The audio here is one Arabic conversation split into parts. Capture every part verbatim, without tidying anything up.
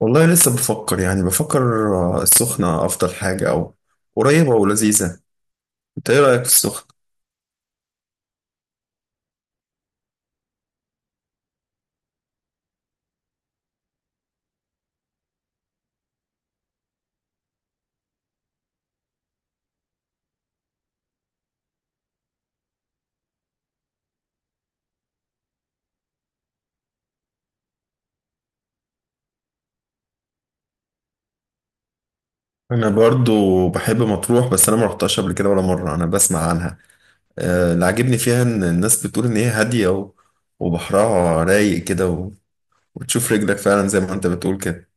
والله لسه بفكر يعني بفكر. آه، السخنة أفضل حاجة، أو قريبة ولذيذة. أنت إيه رأيك في السخنة؟ أنا برضو بحب مطروح، بس أنا ما رحتهاش قبل كده ولا مرة، أنا بسمع عنها. آه، اللي عاجبني فيها إن الناس بتقول إن هي هادية و- وبحرها رايق كده، و- وتشوف رجلك فعلا زي ما أنت بتقول كده.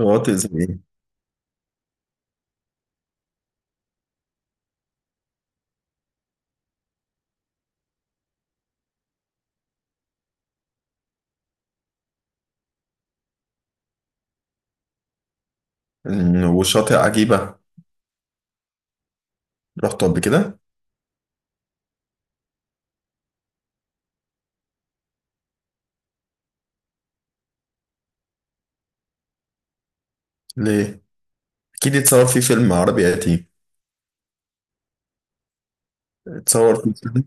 شواطئ زي إيه؟ إن- وشاطئ عجيبة. رحت قبل كده؟ ليه؟ أكيد يتصور فيه فيلم عربي قديم. اتصور فيه فيلم.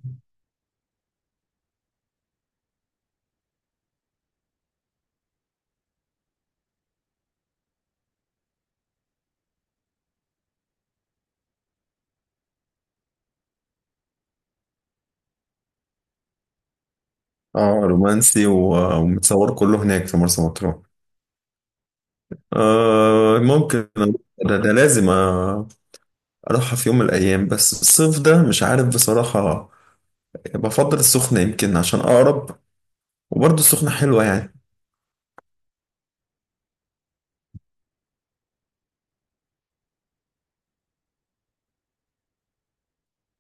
آه، رومانسي و- ومتصور كله هناك في مرسى مطروح. آه، ممكن. ده, ده لازم. آه، اروحها في يوم من الايام، بس الصيف ده مش عارف بصراحة. بفضل السخنة يمكن عشان اقرب، وبرضه السخنة حلوة يعني.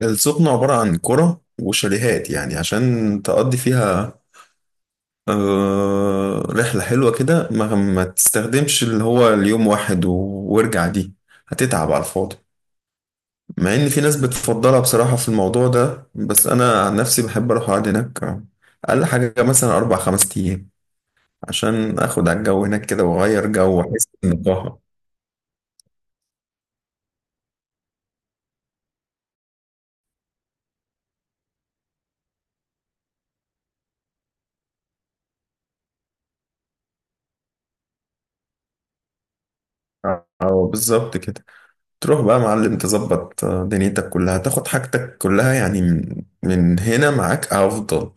السخنة عبارة عن قرى وشاليهات يعني عشان تقضي فيها آه رحلة حلوة كده. ما, ما تستخدمش اللي هو اليوم واحد و- وارجع دي، هتتعب على الفاضي. مع ان في ناس بتفضلها بصراحة في الموضوع ده، بس انا عن نفسي بحب اروح اقعد هناك اقل حاجة مثلا اربع خمس ايام، عشان اخد على الجو هناك كده واغير جو واحس بالنقاهه. اه بالظبط كده. تروح بقى يا معلم، تظبط آه، دنيتك كلها، تاخد حاجتك كلها يعني من من هنا معاك افضل،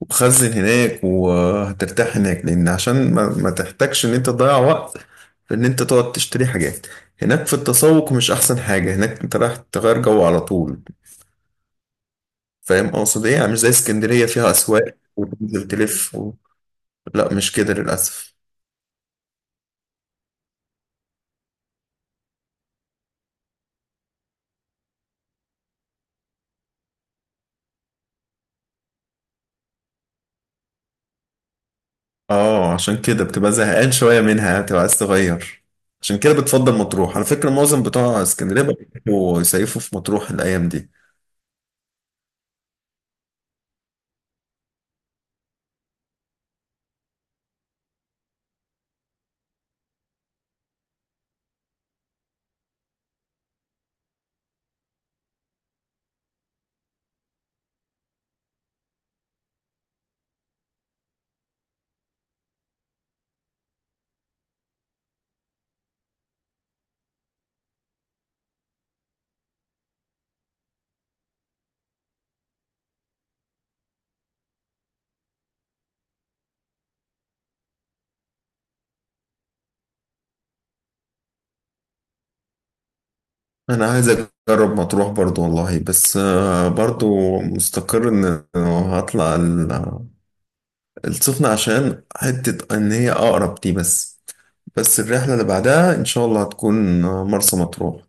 وخزن هناك وهترتاح هناك، لان عشان ما, ما تحتاجش ان انت تضيع وقت في ان انت تقعد تشتري حاجات هناك. في التسوق مش احسن حاجه هناك، انت رايح تغير جو على طول. فاهم اقصد ايه يعني؟ مش زي اسكندريه فيها اسواق وتنزل تلف و... لا مش كده للاسف. اه، عشان كده بتبقى زهقان شوية منها، بتبقى عايز تغير. عشان كده بتفضل مطروح. على فكرة، معظم بتوع اسكندرية بيحبوا يصيفوا في مطروح الأيام دي. أنا عايز أجرب مطروح برضو والله، بس آه، برضو مستقر إن آه، هطلع ال- السخنة عشان حتة إن هي أقرب دي، بس بس الرحلة اللي بعدها إن شاء الله هتكون آه، مرسى مطروح.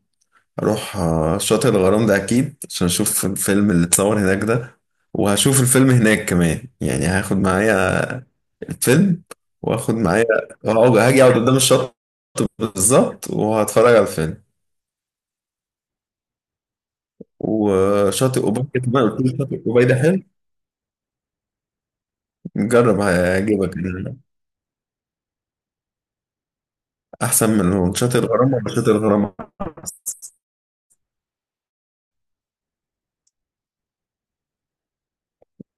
أروح آه، شاطئ الغرام ده أكيد، عشان أشوف الفيلم اللي اتصور هناك ده. وهشوف الفيلم هناك كمان يعني، هاخد معايا الفيلم، واخد معايا، اقعد هاجي اقعد قدام الشط بالظبط وهتفرج على الفيلم. وشاطئ أوبايد كمان، قلت له شاطئ أوبايد حلو، نجرب هيعجبك يعني. أحسن من شاطئ الغرام ولا شاطئ الغرام؟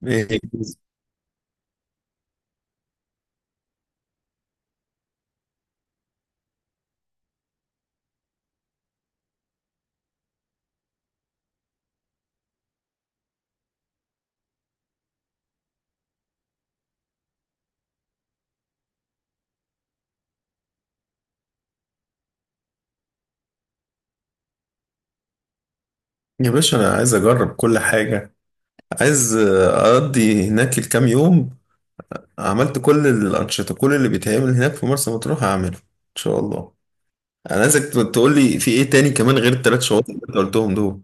إيه؟ يا باشا أنا عايز أجرب كل حاجة، عايز أقضي هناك الكام يوم. عملت كل الأنشطة، كل اللي بيتعمل هناك في مرسى مطروح هعمله إن شاء الله. أنا عايزك تقول لي في إيه تاني كمان غير التلات شواطئ اللي أنت قلتهم دول.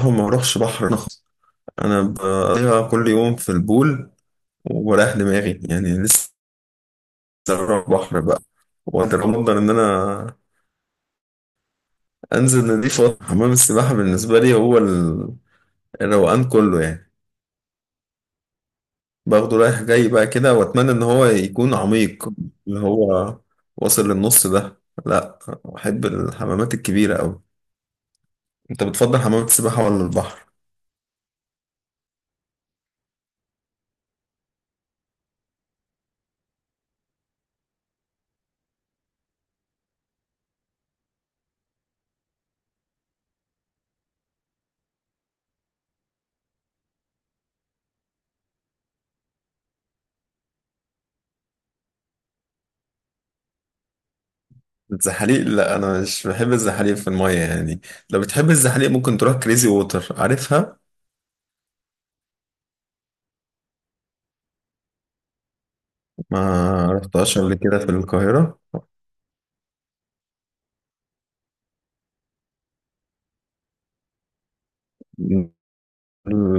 هم ما أروحش بحر، انا بقضيها كل يوم في البول وبريح دماغي يعني. لسه بروح بحر بقى، وقدر افضل ان انا انزل نضيف وأطلع. حمام السباحه بالنسبه لي هو ال- الروقان كله يعني، باخده رايح جاي بقى كده. واتمنى ان هو يكون عميق، اللي هو واصل للنص ده. لا، احب الحمامات الكبيره قوي. انت بتفضل حمامات السباحه ولا البحر؟ الزحاليق، لا انا مش بحب الزحاليق في الميه يعني. لو بتحب الزحاليق ممكن تروح كريزي ووتر، عارفها؟ ما رحتهاش قبل كده، في القاهرة.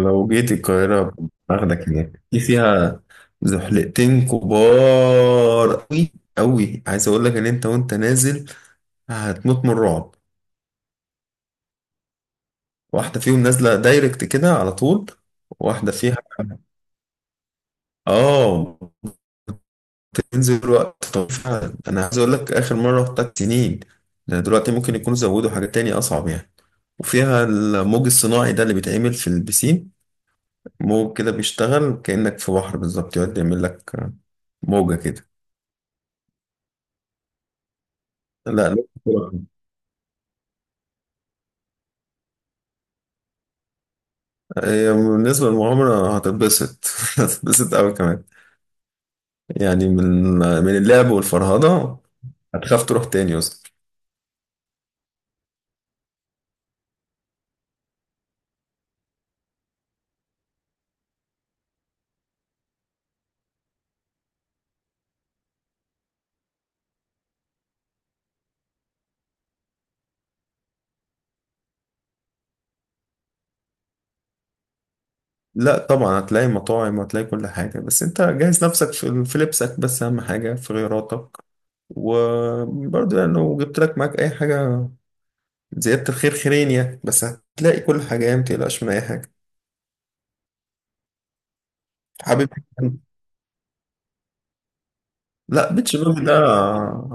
لو جيت القاهرة باخدك هناك. في فيها زحلقتين كبار أوي أوي، عايز أقول لك إن أنت وأنت نازل هتموت من الرعب. واحدة فيهم نازلة دايركت كده على طول، واحدة فيها آه بتنزل وقت طويل فعلا. أنا عايز أقول لك آخر مرة رحتها سنين، ده دلوقتي ممكن يكونوا زودوا حاجات تانية أصعب يعني. وفيها الموج الصناعي ده اللي بيتعمل في البسين، موج كده بيشتغل كأنك في بحر بالظبط، يقعد يعمل لك موجة كده. لا لا، بسرعة. هي بالنسبة للمغامرة هتتبسط هتتبسط أوي كمان يعني، من من اللعب والفرهدة هتخاف تروح تاني أصلا. لا طبعا هتلاقي مطاعم، وهتلاقي كل حاجة. بس أنت جهز نفسك في في لبسك بس، أهم حاجة في غيراتك. وبرضه يعني لو جبت لك معاك أي حاجة، زيادة الخير خيرين يعني. بس هتلاقي كل حاجة يعني، متقلقش من أي حاجة. حابب. لا، بيتش باجي ده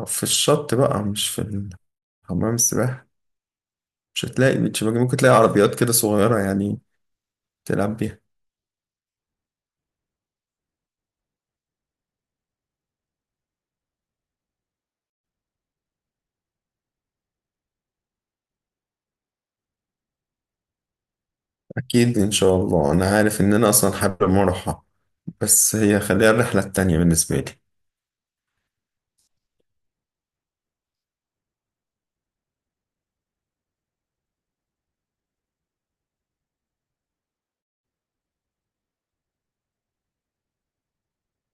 في الشط بقى، مش في حمام السباحة. مش هتلاقي بيتش باجي، ممكن تلاقي عربيات كده صغيرة يعني، تلعب بيها. أكيد إن شاء الله، أنا عارف إن أنا أصلا حابب أروحها، بس هي خليها الرحلة التانية بالنسبة لي.